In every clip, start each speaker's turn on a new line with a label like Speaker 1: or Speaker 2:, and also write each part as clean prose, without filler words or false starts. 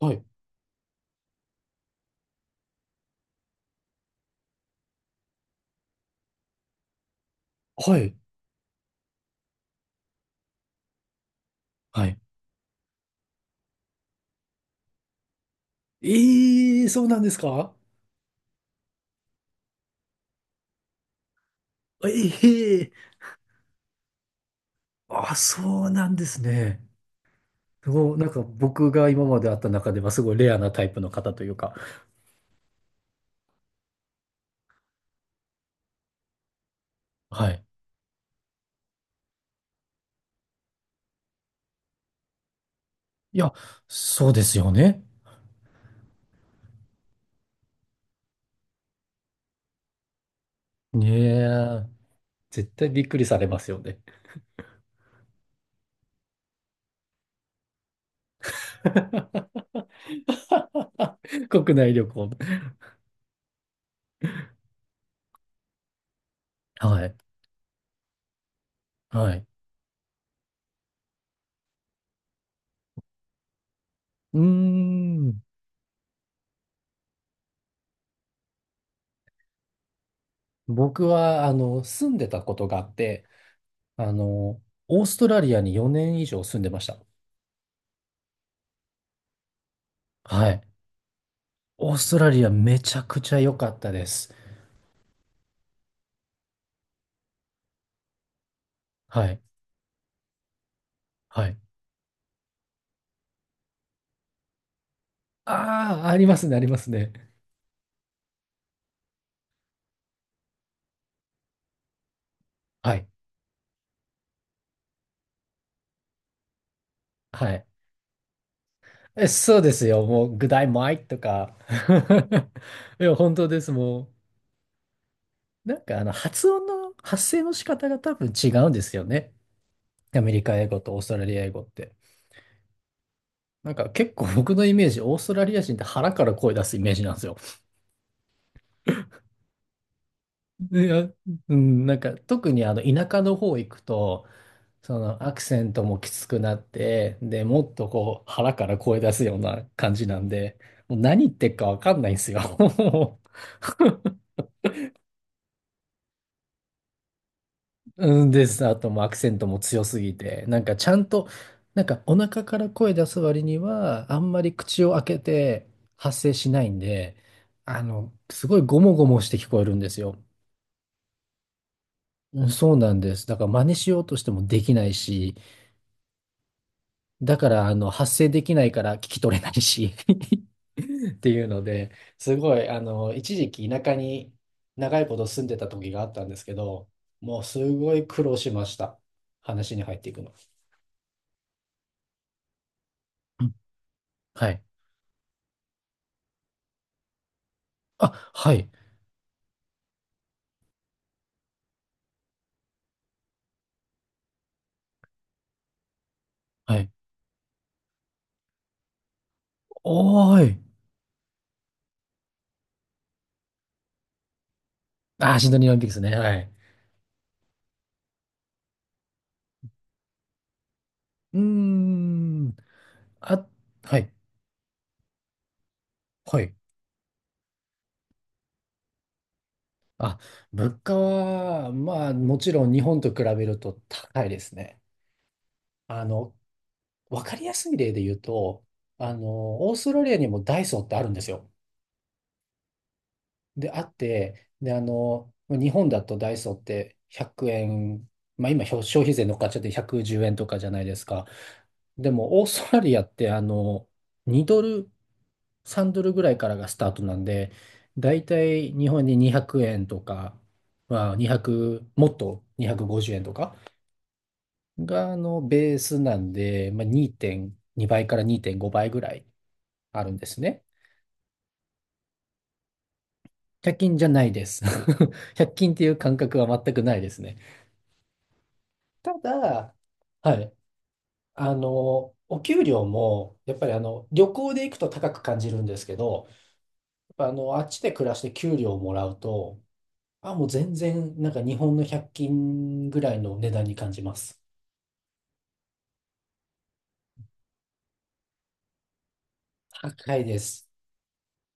Speaker 1: はい。はい。はい。ええ、そうなんですか？ええ。あ、そうなんですね。すごいなんか僕が今まで会った中ではすごいレアなタイプの方というか。はい。いや、そうですよね。ねえ、絶対びっくりされますよね。国内旅行。はい。はい。うーん。僕は、住んでたことがあって、あの、オーストラリアに4年以上住んでました。はい。オーストラリアめちゃくちゃ良かったです。はい。はい。ああ、ありますね、ありますね。はい。はい。え、そうですよ。もう、グダイマイとか。いや、本当です。もう、なんか、発声の仕方が多分違うんですよね。アメリカ英語とオーストラリア英語って。なんか、結構僕のイメージ、オーストラリア人って腹から声出すイメージなんですよ。いや、うん、なんか、特に田舎の方行くと、そのアクセントもきつくなって、で、もっとこう腹から声出すような感じなんで、もう何言ってっかわかんないんですよ。うん、です。あともうアクセントも強すぎて、なんかちゃんと、なんかお腹から声出す割には、あんまり口を開けて発声しないんで、すごいゴモゴモして聞こえるんですよ。うん、そうなんです。だから真似しようとしてもできないし、だから発声できないから聞き取れないし。っていうので、すごい、一時期田舎に長いこと住んでた時があったんですけど、もうすごい苦労しました。話に入っていくの。うん、はい。あ、はい。はい。おーい。あ、シドニーオリンピックですね。はい。うーん。あ、はい。はい。あ、物価は、まあ、もちろん日本と比べると高いですね。あの、わかりやすい例で言うと、オーストラリアにもダイソーってあるんですよ。で、あって、で、日本だとダイソーって100円、まあ今消費税乗っかっちゃって110円とかじゃないですか。でも、オーストラリアって、2ドル、3ドルぐらいからがスタートなんで、だいたい日本に200円とか、まあ2 0もっと250円とかが、ベースなんで、まあ2.2倍から2.5倍ぐらいあるんですね。100均じゃないです。100均っていう感覚は全くないですね。ただ、はい、お給料も、やっぱり旅行で行くと高く感じるんですけど、やっぱあっちで暮らして給料をもらうと、あ、もう全然、なんか日本の100均ぐらいの値段に感じます。高いです。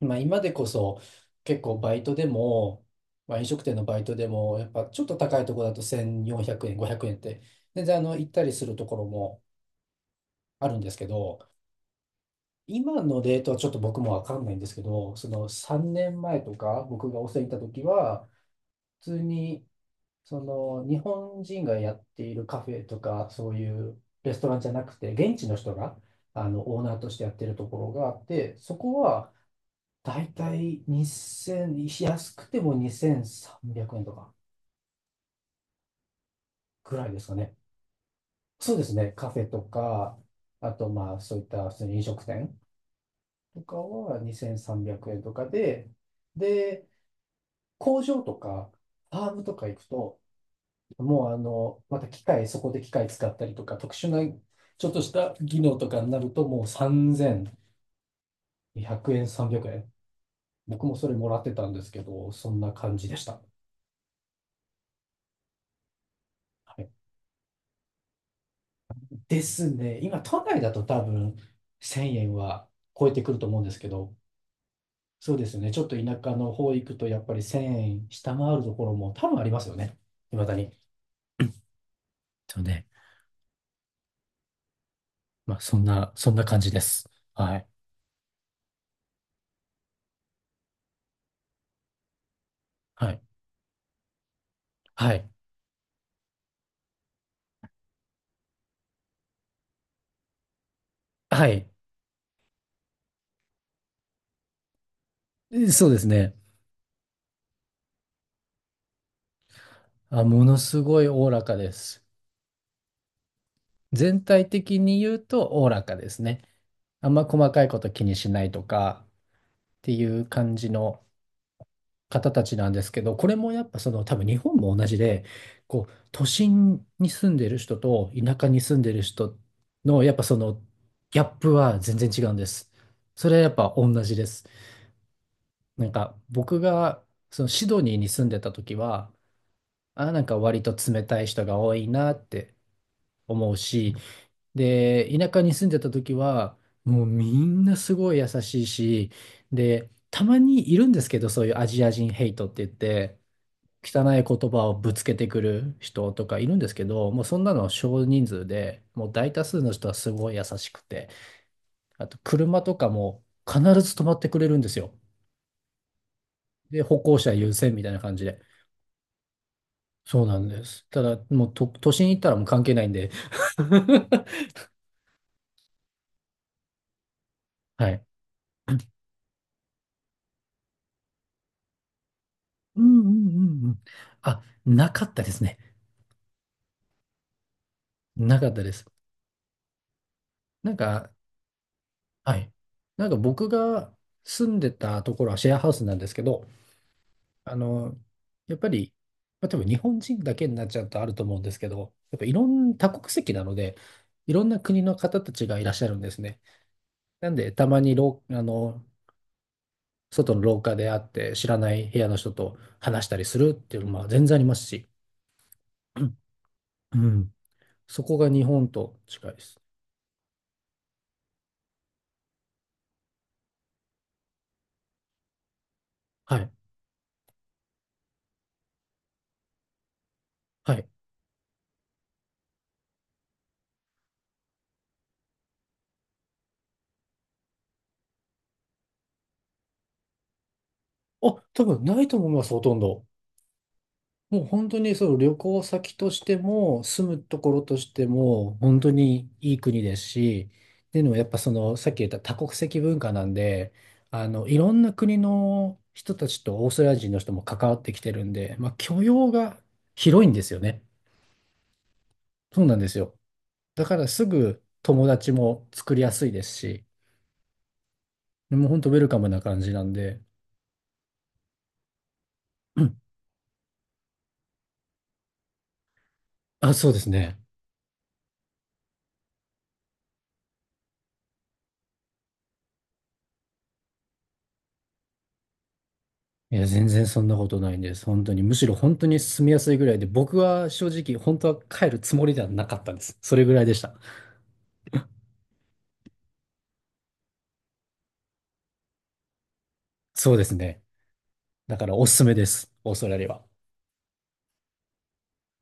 Speaker 1: まあ、今でこそ、結構バイトでも、まあ、飲食店のバイトでも、やっぱちょっと高いところだと1400円、500円って、全然行ったりするところもあるんですけど、今のレートはちょっと僕もわかんないんですけど、その3年前とか僕がお世話に行った時は、普通にその日本人がやっているカフェとか、そういうレストランじゃなくて、現地の人があのオーナーとしてやってるところがあって、そこはだいたい2000、安くても2300円とかぐらいですかね。そうですね、カフェとか、あとまあそういった普通に飲食店とかは2300円とかで、で、工場とか、ファームとか行くと、もうまた機械、そこで機械使ったりとか、特殊なちょっとした技能とかになると、もう3200円、300円。僕もそれもらってたんですけど、そんな感じでした。はい、ですね。今、都内だと多分1000円は超えてくると思うんですけど、そうですね。ちょっと田舎の方行くと、やっぱり1000円下回るところも多分ありますよね。未だに。そうね。まあ、そんな感じです。はい。はい。はい。はい。え、そうですね。あ、ものすごいおおらかです。全体的に言うとおおらかですね。あんま細かいこと気にしないとかっていう感じの方たちなんですけど、これもやっぱその多分日本も同じで、こう都心に住んでる人と田舎に住んでる人のやっぱそのギャップは全然違うんです。それはやっぱ同じです。なんか僕がそのシドニーに住んでた時は、あ、なんか割と冷たい人が多いなって思うし、で、田舎に住んでた時は、もうみんなすごい優しいし、で、たまにいるんですけど、そういうアジア人ヘイトって言って、汚い言葉をぶつけてくる人とかいるんですけど、もうそんなの少人数で、もう大多数の人はすごい優しくて、あと車とかも必ず止まってくれるんですよ。で、歩行者優先みたいな感じで。そうなんです。ただ、もうと、都心行ったらもう関係ないんで。はい。うん、うん、うん、うん。あ、なかったですね。なかったです。なんか、はい。なんか僕が住んでたところはシェアハウスなんですけど、あの、やっぱり、まあ、多分日本人だけになっちゃうとあると思うんですけど、やっぱいろんな多国籍なので、いろんな国の方たちがいらっしゃるんですね。なんで、たまにろう、あの、外の廊下で会って知らない部屋の人と話したりするっていうのも全然ありますし、うん、うん、そこが日本と近いです。はい。はい。あ、多分ないと思います、ほとんど。もう本当にそう、旅行先としても、住むところとしても、本当にいい国ですし、っていうのはやっぱその、さっき言った多国籍文化なんで、いろんな国の人たちとオーストラリア人の人も関わってきてるんで、まあ許容が広いんですよね。そうなんですよ。だからすぐ友達も作りやすいですし、もう本当ウェルカムな感じなんで、うん。あ、そうですね。いや、全然そんなことないんです。本当に。むしろ本当に住みやすいぐらいで、僕は正直、本当は帰るつもりではなかったんです。それぐらいでした。そうですね。だからおすすめです。オーストラリアは。